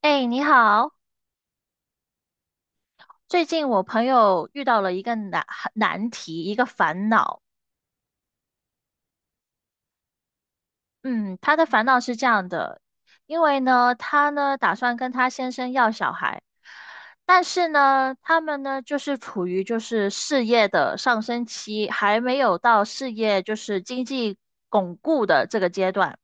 哎，你好！最近我朋友遇到了一个难题，一个烦恼。嗯，他的烦恼是这样的，因为呢，他呢打算跟他先生要小孩，但是呢，他们呢就是处于就是事业的上升期，还没有到事业就是经济巩固的这个阶段。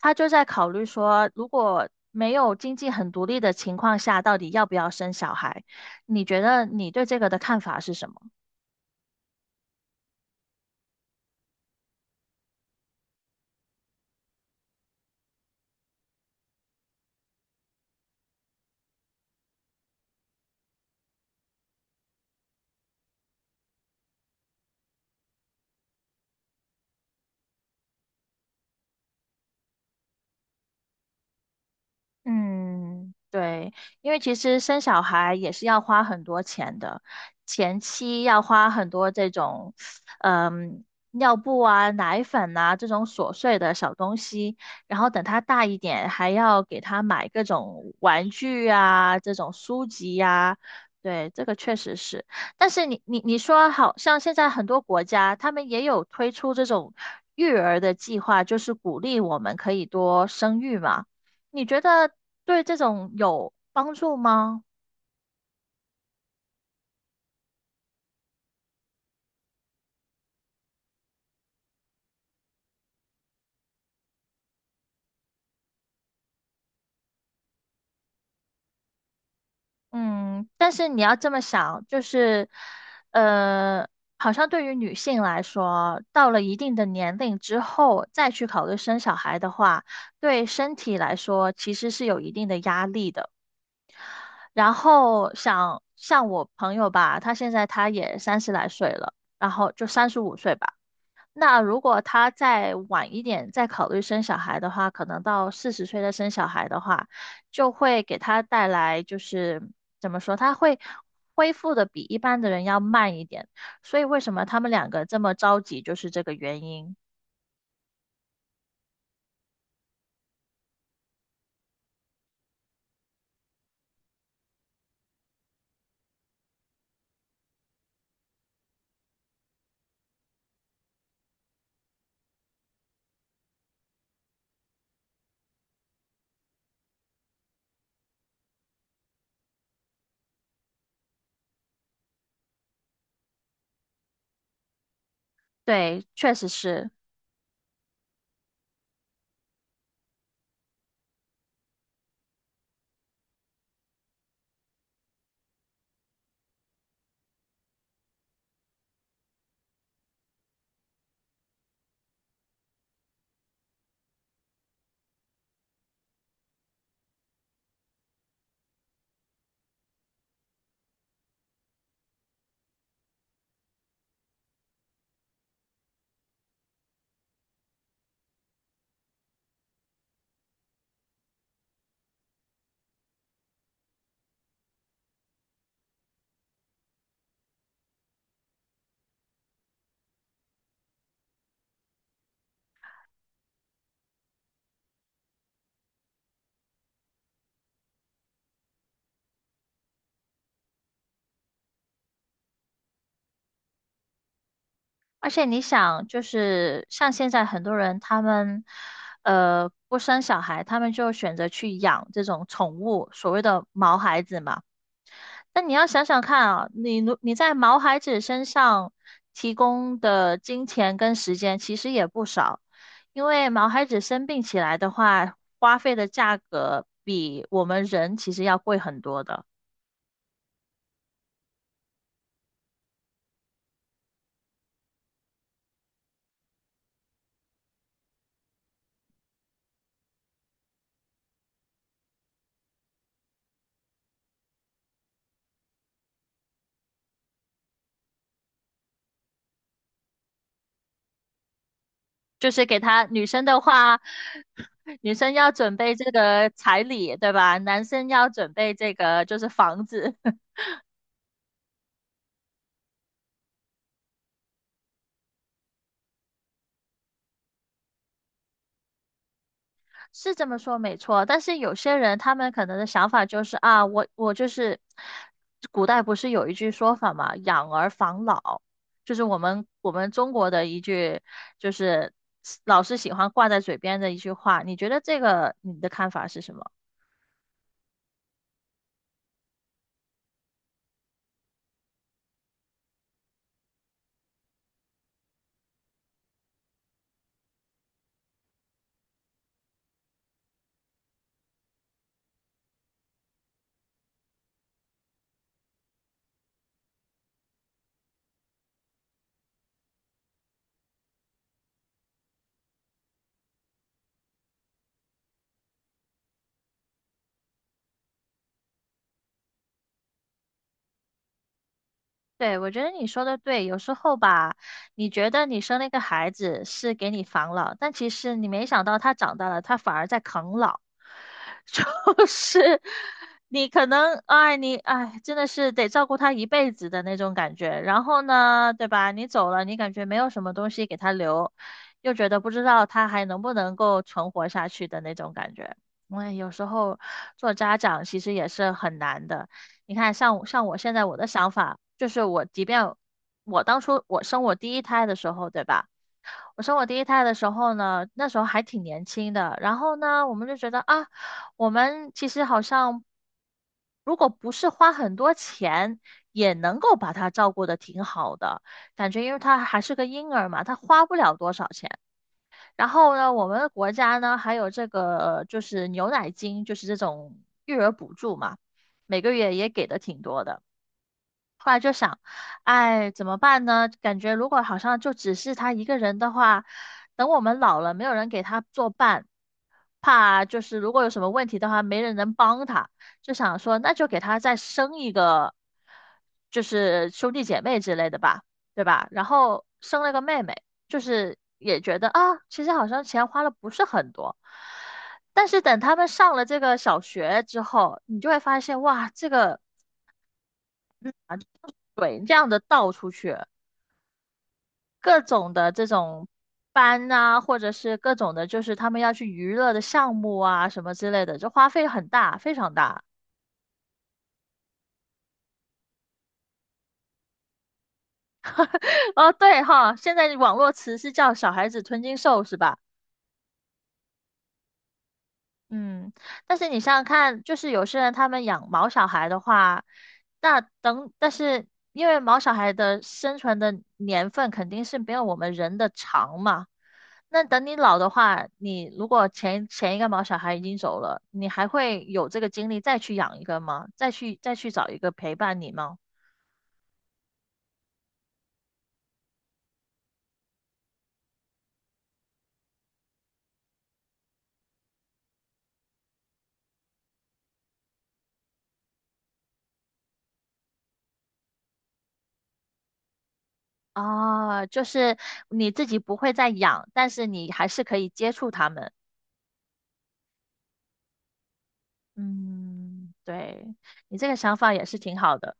他就在考虑说，如果没有经济很独立的情况下，到底要不要生小孩？你觉得你对这个的看法是什么？嗯，对，因为其实生小孩也是要花很多钱的，前期要花很多这种，嗯，尿布啊、奶粉啊这种琐碎的小东西，然后等他大一点，还要给他买各种玩具啊、这种书籍呀、对，这个确实是。但是你说，好像现在很多国家他们也有推出这种育儿的计划，就是鼓励我们可以多生育嘛。你觉得对这种有帮助吗？嗯，但是你要这么想，就是，呃，好像对于女性来说，到了一定的年龄之后再去考虑生小孩的话，对身体来说其实是有一定的压力的。然后想像我朋友吧，她现在她也三十来岁了，然后就三十五岁吧。那如果他再晚一点再考虑生小孩的话，可能到四十岁再生小孩的话，就会给他带来就是怎么说，他会恢复的比一般的人要慢一点。所以为什么他们两个这么着急，就是这个原因。对，确实是。而且你想，就是像现在很多人他们不生小孩，他们就选择去养这种宠物，所谓的毛孩子嘛。但你要想想看啊，你在毛孩子身上提供的金钱跟时间其实也不少，因为毛孩子生病起来的话，花费的价格比我们人其实要贵很多的。就是给他女生的话，女生要准备这个彩礼，对吧？男生要准备这个就是房子。是这么说没错，但是有些人他们可能的想法就是啊，我就是，古代不是有一句说法嘛，养儿防老，就是我们中国的一句，就是老是喜欢挂在嘴边的一句话。你觉得这个你的看法是什么？对，我觉得你说的对，有时候吧，你觉得你生了一个孩子是给你防老，但其实你没想到他长大了，他反而在啃老，就是你可能，真的是得照顾他一辈子的那种感觉。然后呢，对吧？你走了，你感觉没有什么东西给他留，又觉得不知道他还能不能够存活下去的那种感觉。哎，有时候做家长其实也是很难的。你看，像我现在我的想法就是，我即便我当初生我第一胎的时候，对吧？我生我第一胎的时候呢，那时候还挺年轻的。然后呢，我们就觉得啊，我们其实好像如果不是花很多钱，也能够把他照顾的挺好的感觉，因为他还是个婴儿嘛，他花不了多少钱。然后呢，我们的国家呢还有这个就是牛奶金，就是这种育儿补助嘛，每个月也给的挺多的。后来就想，哎，怎么办呢？感觉如果好像就只是他一个人的话，等我们老了，没有人给他作伴，怕就是如果有什么问题的话，没人能帮他，就想说那就给他再生一个，就是兄弟姐妹之类的吧，对吧？然后生了个妹妹，就是也觉得啊，其实好像钱花了不是很多。但是等他们上了这个小学之后，你就会发现，哇，这个鬼这样的倒出去。各种的这种班啊，或者是各种的，就是他们要去娱乐的项目啊，什么之类的，这花费很大，非常大。哦，对哈，现在网络词是叫“小孩子吞金兽”是吧？嗯，但是你想想看，就是有些人他们养毛小孩的话，那等，但是因为毛小孩的生存的年份肯定是没有我们人的长嘛，那等你老的话，你如果前一个毛小孩已经走了，你还会有这个精力再去养一个吗？再去找一个陪伴你吗？啊，就是你自己不会再养，但是你还是可以接触他们。嗯，对，你这个想法也是挺好的。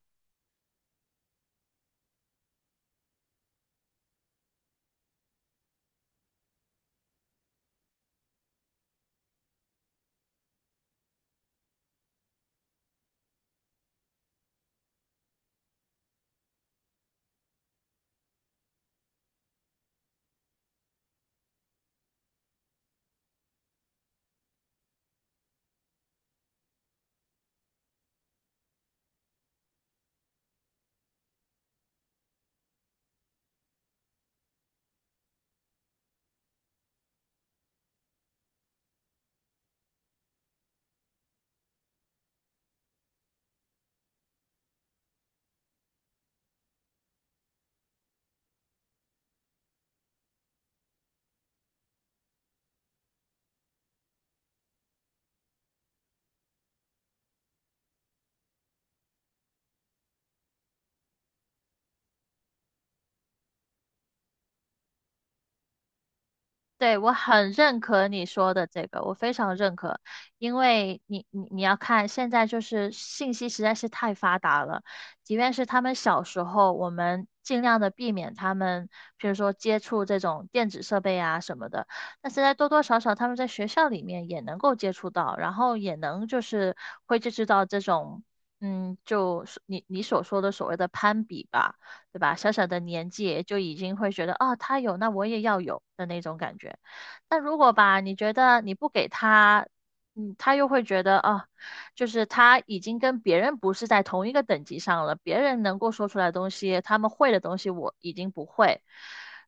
对，我很认可你说的这个，我非常认可，因为你要看，现在就是信息实在是太发达了，即便是他们小时候，我们尽量的避免他们，比如说接触这种电子设备啊什么的，但现在多多少少他们在学校里面也能够接触到，然后也能就是会接触到这种，嗯，就是你你所说的所谓的攀比吧。对吧？小小的年纪就已经会觉得，啊，他有，那我也要有的那种感觉。但如果吧，你觉得你不给他，嗯，他又会觉得，啊，就是他已经跟别人不是在同一个等级上了，别人能够说出来的东西，他们会的东西，我已经不会。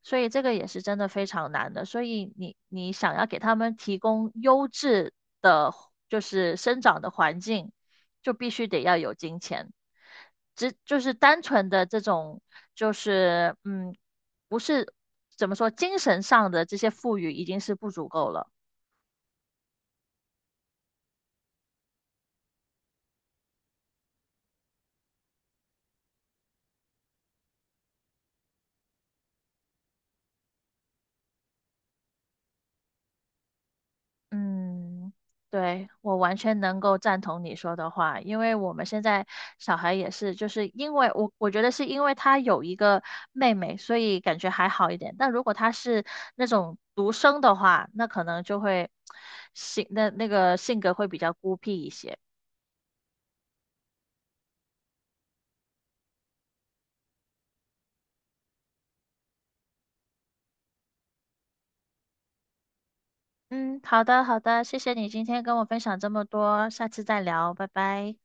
所以这个也是真的非常难的。所以你想要给他们提供优质的，就是生长的环境，就必须得要有金钱。只就是单纯的这种，就是嗯，不是怎么说，精神上的这些富裕已经是不足够了。嗯，对，我完全能够赞同你说的话，因为我们现在小孩也是，就是因为我觉得是因为他有一个妹妹，所以感觉还好一点。但如果他是那种独生的话，那可能就会 性那个性格会比较孤僻一些。嗯，好的，好的，谢谢你今天跟我分享这么多，下次再聊，拜拜。